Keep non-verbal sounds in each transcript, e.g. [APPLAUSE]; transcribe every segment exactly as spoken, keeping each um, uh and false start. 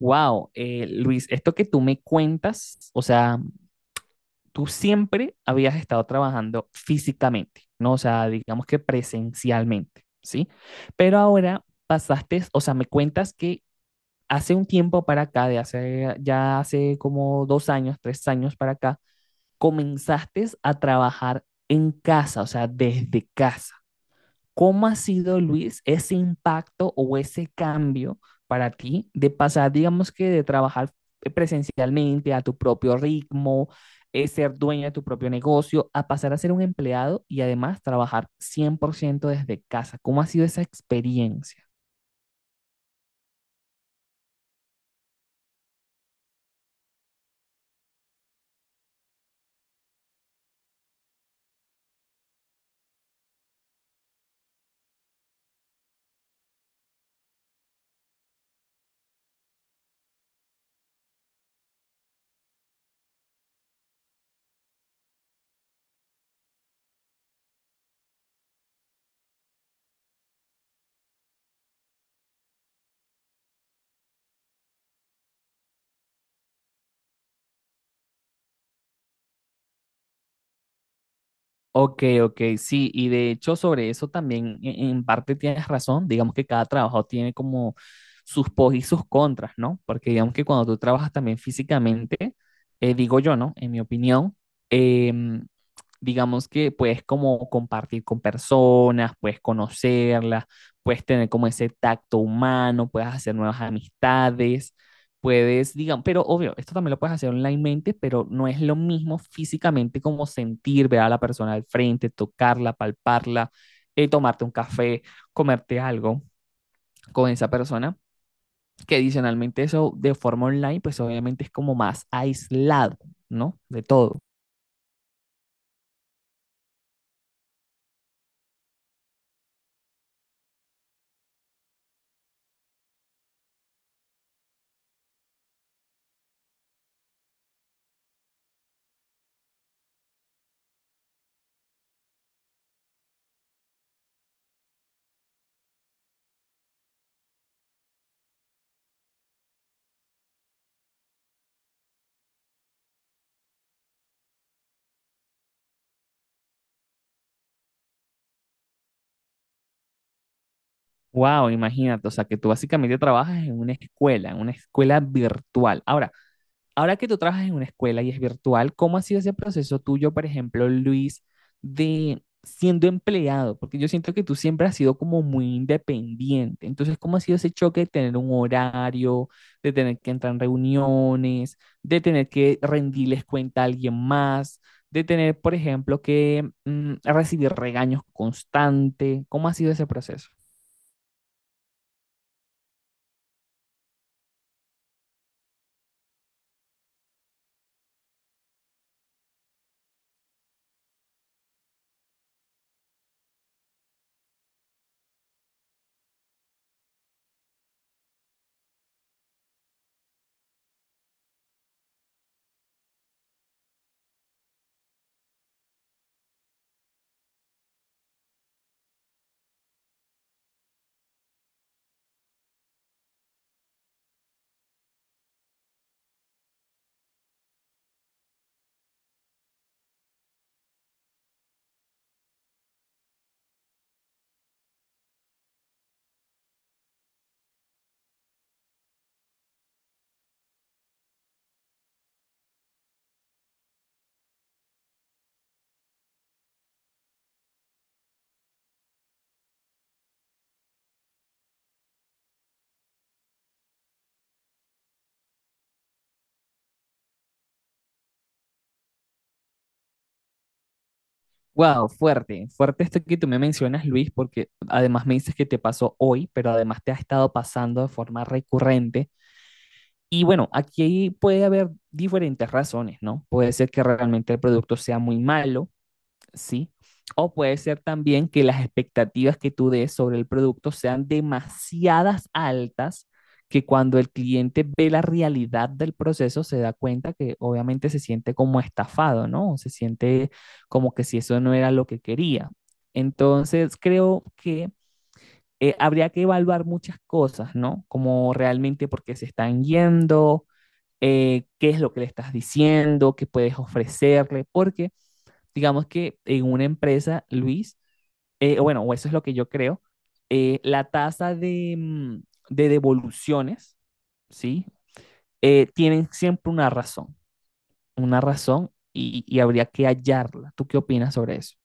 Wow, Luis, esto que tú me cuentas, o sea, tú siempre habías estado trabajando físicamente, ¿no? O sea, digamos que presencialmente, ¿sí? Pero ahora pasaste, o sea, me cuentas que hace un tiempo para acá, de hace, ya hace como dos años, tres años para acá, comenzaste a trabajar en casa, o sea, desde casa. ¿Cómo ha sido, Luis, ese impacto o ese cambio para ti de pasar, digamos que de trabajar presencialmente a tu propio ritmo, eh, ser dueño de tu propio negocio, a pasar a ser un empleado y además trabajar cien por ciento desde casa? ¿Cómo ha sido esa experiencia? Ok, ok, sí, y de hecho sobre eso también en en parte tienes razón, digamos que cada trabajo tiene como sus pos y sus contras, ¿no? Porque digamos que cuando tú trabajas también físicamente, eh, digo yo, ¿no? En mi opinión, em, digamos que puedes como compartir con personas, puedes conocerlas, puedes tener como ese tacto humano, puedes hacer nuevas amistades, puedes, digamos, pero obvio, esto también lo puedes hacer onlinemente, pero no es lo mismo físicamente como sentir, ver a la persona al frente, tocarla, palparla, eh, tomarte un café, comerte algo con esa persona, que adicionalmente eso de forma online, pues obviamente es como más aislado, ¿no? De todo. Wow, imagínate, o sea, que tú básicamente trabajas en una escuela, en una escuela virtual. Ahora, ahora que tú trabajas en una escuela y es virtual, ¿cómo ha sido ese proceso tuyo, por ejemplo, Luis, de siendo empleado? Porque yo siento que tú siempre has sido como muy independiente. Entonces, ¿cómo ha sido ese choque de tener un horario, de tener que entrar en reuniones, de tener que rendirles cuenta a alguien más, de tener, por ejemplo, que mm, recibir regaños constantes? ¿Cómo ha sido ese proceso? Wow, fuerte, fuerte esto que tú me mencionas, Luis, porque además me dices que te pasó hoy, pero además te ha estado pasando de forma recurrente. Y bueno, aquí puede haber diferentes razones, ¿no? Puede ser que realmente el producto sea muy malo, ¿sí? O puede ser también que las expectativas que tú des sobre el producto sean demasiadas altas que cuando el cliente ve la realidad del proceso se da cuenta que obviamente se siente como estafado, ¿no? Se siente como que si eso no era lo que quería. Entonces, creo que eh, habría que evaluar muchas cosas, ¿no? Como realmente por qué se están yendo, eh, qué es lo que le estás diciendo, qué puedes ofrecerle, porque digamos que en una empresa, Luis, eh, bueno, o eso es lo que yo creo, eh, la tasa de, mm, de devoluciones, ¿sí? Eh, tienen siempre una razón, una razón y, y habría que hallarla. ¿Tú qué opinas sobre eso?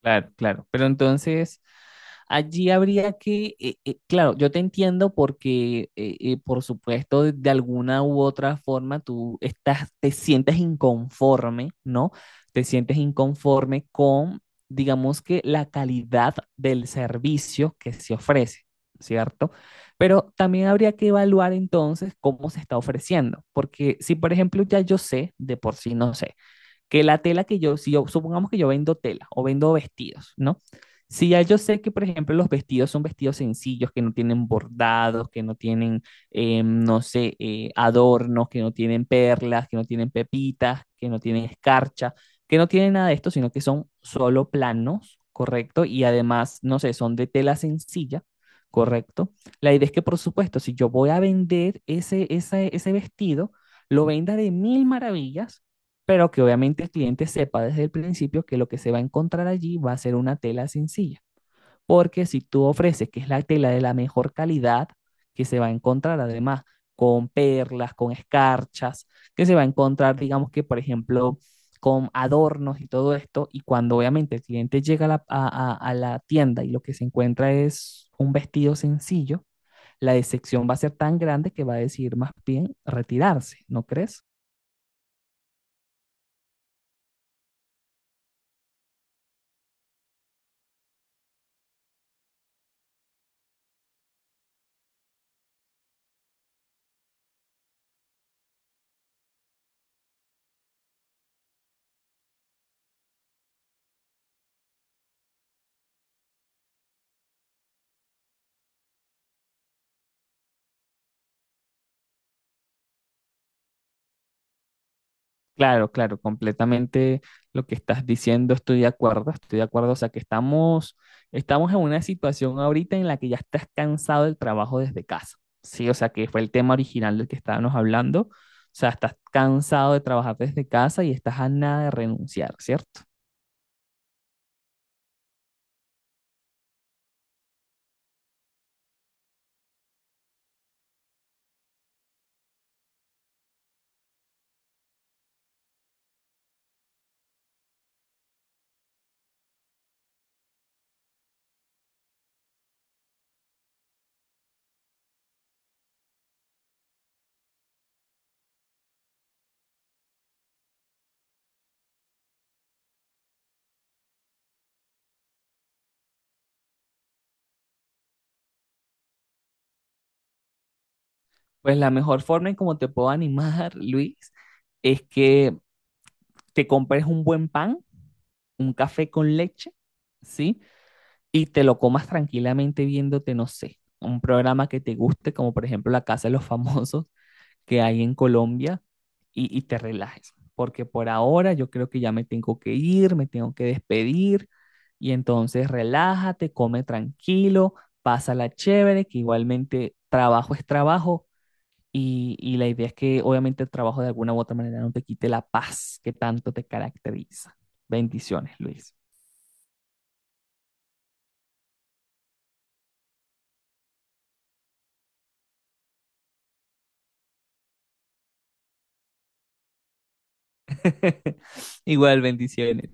Claro, claro. Pero entonces, allí habría que, eh, eh, claro, yo te entiendo porque, eh, eh, por supuesto, de, de alguna u otra forma tú estás, te sientes inconforme, ¿no? Te sientes inconforme con, digamos que, la calidad del servicio que se ofrece, ¿cierto? Pero también habría que evaluar entonces cómo se está ofreciendo, porque si, por ejemplo, ya yo sé, de por sí no sé que la tela que yo, si yo, supongamos que yo vendo tela o vendo vestidos, ¿no? Si ya yo sé que, por ejemplo, los vestidos son vestidos sencillos, que no tienen bordados, que no tienen, eh, no sé, eh, adornos, que no tienen perlas, que no tienen pepitas, que no tienen escarcha, que no tienen nada de esto, sino que son solo planos, ¿correcto? Y además, no sé, son de tela sencilla, ¿correcto? La idea es que, por supuesto, si yo voy a vender ese, ese, ese vestido, lo venda de mil maravillas pero que obviamente el cliente sepa desde el principio que lo que se va a encontrar allí va a ser una tela sencilla, porque si tú ofreces que es la tela de la mejor calidad, que se va a encontrar además con perlas, con escarchas, que se va a encontrar, digamos que, por ejemplo, con adornos y todo esto, y cuando obviamente el cliente llega a la, a, a a la tienda y lo que se encuentra es un vestido sencillo, la decepción va a ser tan grande que va a decidir más bien retirarse, ¿no crees? Claro, claro, completamente lo que estás diciendo, estoy de acuerdo, estoy de acuerdo. O sea, que estamos, estamos en una situación ahorita en la que ya estás cansado del trabajo desde casa. Sí, o sea, que fue el tema original del que estábamos hablando. O sea, estás cansado de trabajar desde casa y estás a nada de renunciar, ¿cierto? Pues la mejor forma en cómo te puedo animar, Luis, es que te compres un buen pan, un café con leche, ¿sí? Y te lo comas tranquilamente viéndote, no sé, un programa que te guste, como por ejemplo La Casa de los Famosos que hay en Colombia, y, y te relajes. Porque por ahora yo creo que ya me tengo que ir, me tengo que despedir, y entonces relájate, come tranquilo, pásala chévere, que igualmente trabajo es trabajo. Y, y la idea es que obviamente el trabajo de alguna u otra manera no te quite la paz que tanto te caracteriza. Bendiciones, Luis. [LAUGHS] Igual, bendiciones.